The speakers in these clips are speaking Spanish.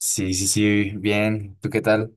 Sí, sí, sí, bien. ¿Tú qué tal?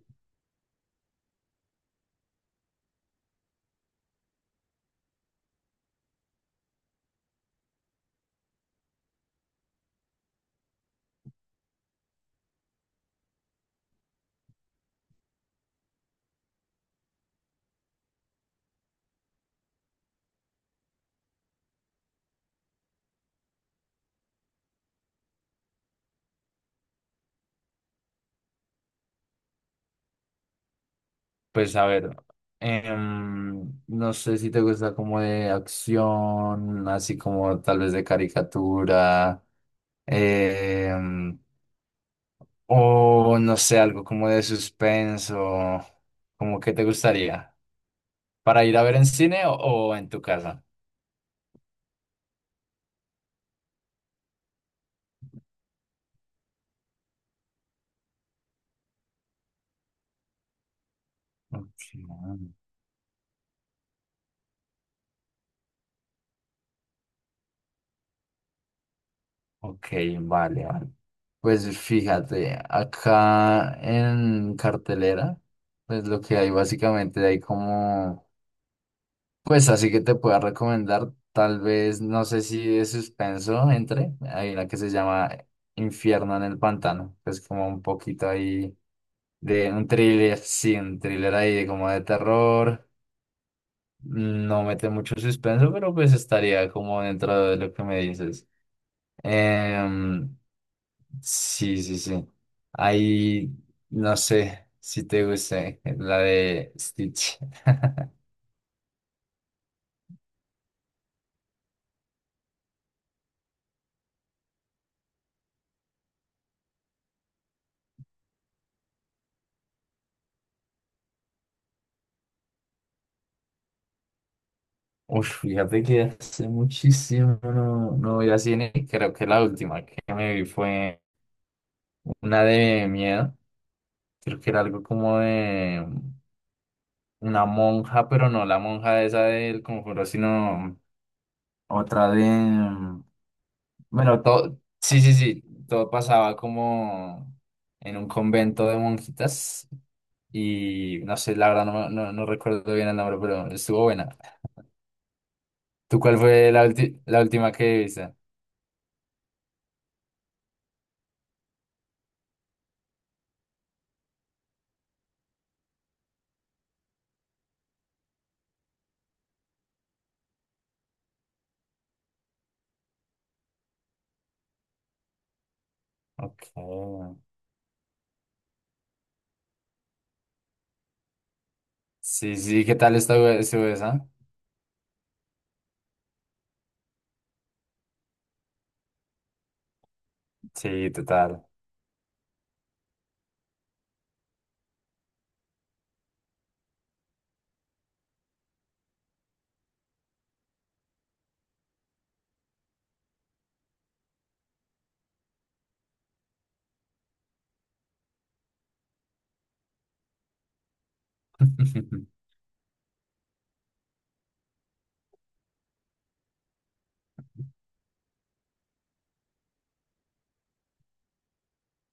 Pues a ver, no sé si te gusta como de acción, así como tal vez de caricatura, em, o no sé, algo como de suspenso, como que te gustaría, para ir a ver en cine o en tu casa. Ok. Ok, vale, vale. Pues fíjate, acá en cartelera, pues lo que hay básicamente hay como, pues así que te pueda recomendar, tal vez, no sé si de suspenso entre, hay una que se llama Infierno en el Pantano, que es como un poquito ahí de un thriller, sí, un thriller ahí de como de terror, no mete mucho suspenso, pero pues estaría como dentro de lo que me dices. Em, Sí, sí, sí. Ahí no sé si te gusta la de Stitch. Uf, fíjate que hace muchísimo no, no voy a cine. Creo que la última que me vi fue una de miedo. Creo que era algo como de una monja, pero no la monja esa del conjuro, sino otra de bueno, todo, sí, sí, sí, todo pasaba como en un convento de monjitas y no sé, la verdad no, no, no recuerdo bien el nombre, pero estuvo buena. ¿Tú cuál fue la, la última que viste? Ok. Sí, sí, ¿qué tal estuvo, estuvo esa? Sí, total.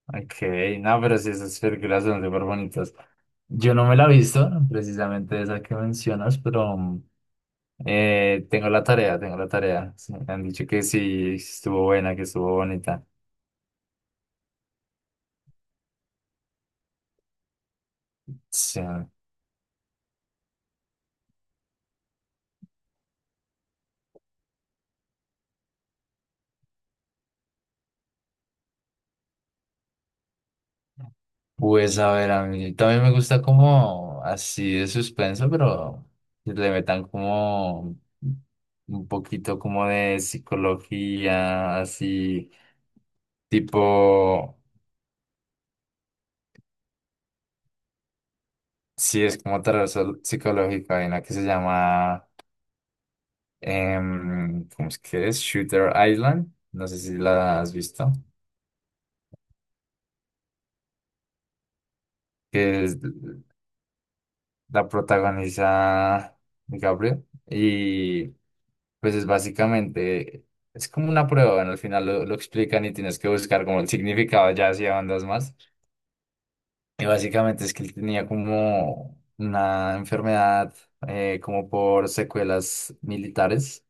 Ok, no, pero sí, esas películas son súper bonitas. Yo no me la he visto, precisamente esa que mencionas, pero... mm, tengo la tarea, tengo la tarea. Sí, me han dicho que sí, estuvo buena, que estuvo bonita. Sí. Pues a ver, a mí también me gusta como así de suspenso, pero que le metan como un poquito como de psicología, así tipo, sí es como terror psicológico, hay una que se llama, ¿cómo es que es? Shooter Island, no sé si la has visto, que es, la protagoniza Gabriel y pues es básicamente, es como una prueba, ¿no? Al final lo explican y tienes que buscar como el significado ya hacia bandas más. Y básicamente es que él tenía como una enfermedad como por secuelas militares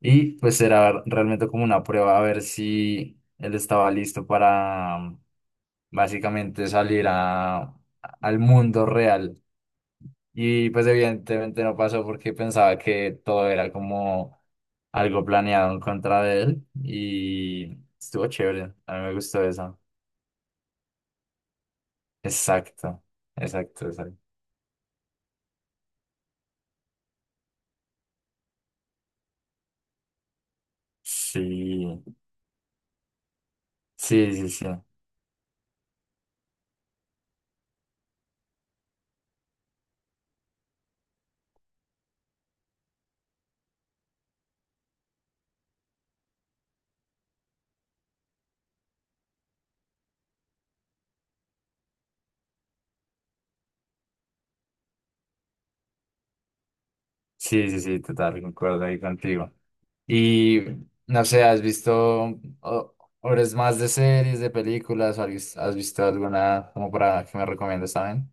y pues era realmente como una prueba a ver si él estaba listo para básicamente salir a, al mundo real. Y pues evidentemente no pasó porque pensaba que todo era como algo planeado en contra de él y estuvo chévere, a mí me gustó eso. Exacto, exacto, exacto. Sí, sí, sí, sí, sí, sí, sí, total, concuerdo ahí contigo. Y no sé, ¿has visto o- horas más de series, de películas? O ¿has has visto alguna como para que me recomiendes también?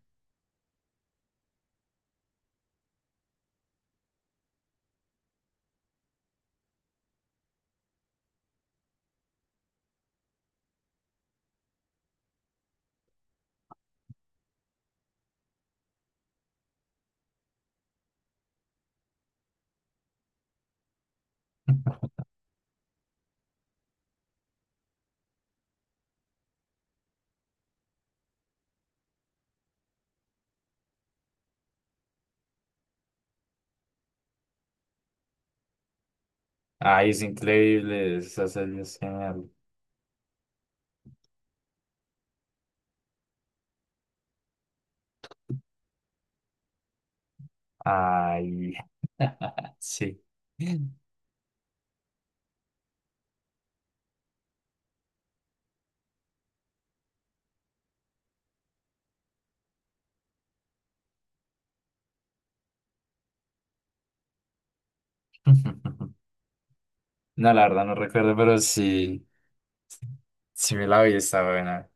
Ay, es increíble, esa serie es genial. Ay, sí. No, la verdad no recuerdo, pero sí, sí me la vi, está buena.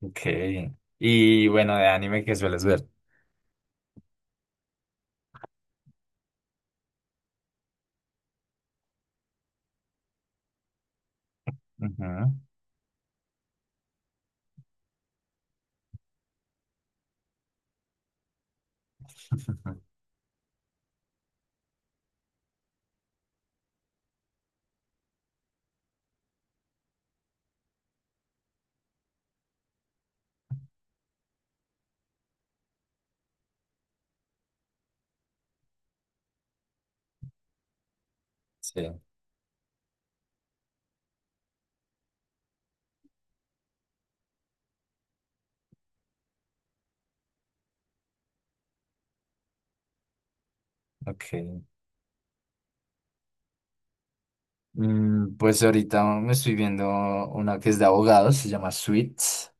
Ok. Y bueno, de anime que sueles ver. Ujú. Sí, ok. Mm, pues ahorita me estoy viendo una que es de abogados, se llama Suits.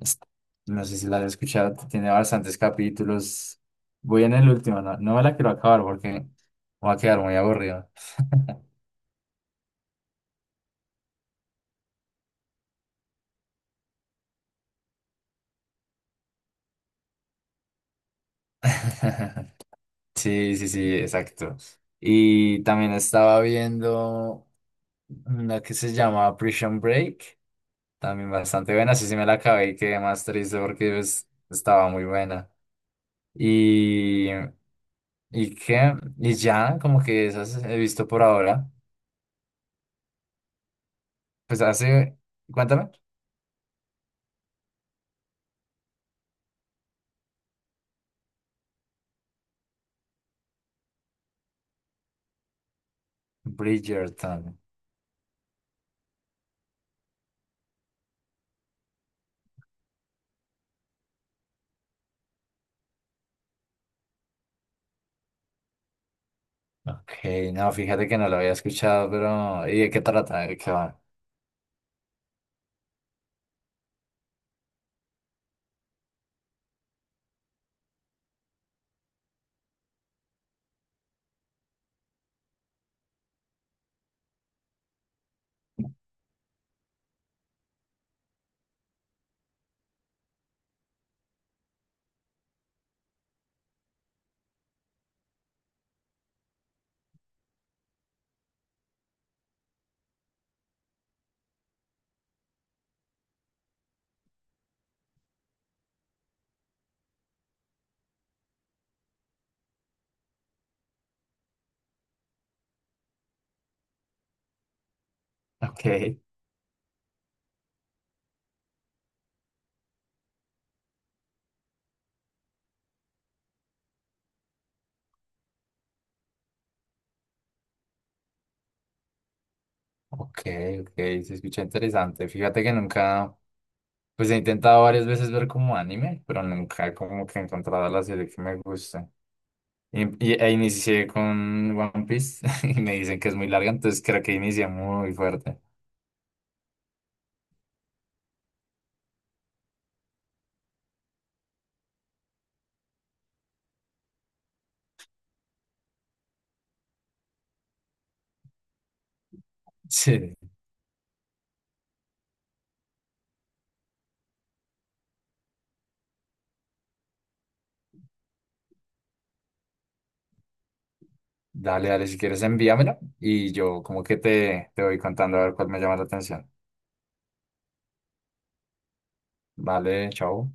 Es- No sé si la has escuchado, tiene bastantes capítulos. Voy en el último, no, no me la quiero acabar porque me va a quedar muy aburrido. Sí, sí, sí, exacto. Y también estaba viendo una que se llama Prison Break, también bastante buena, sí, sí me la acabé y quedé más triste porque pues, estaba muy buena. Y, y qué, y ya, como que esas he visto por ahora. Pues hace, cuéntame. Bridgerton. Ok, no, fíjate que no lo había escuchado, pero ¿y de qué trata? ¿De qué va? Ok. Ok, ok, se escucha interesante. Fíjate que nunca, pues he intentado varias veces ver como anime, pero nunca como que he encontrado la serie que me gusta. Y, e inicié con One Piece y me dicen que es muy larga, entonces creo que inicié muy fuerte. Sí. Dale, dale, si quieres envíamela y yo como que te voy contando a ver cuál me llama la atención. Vale, chao.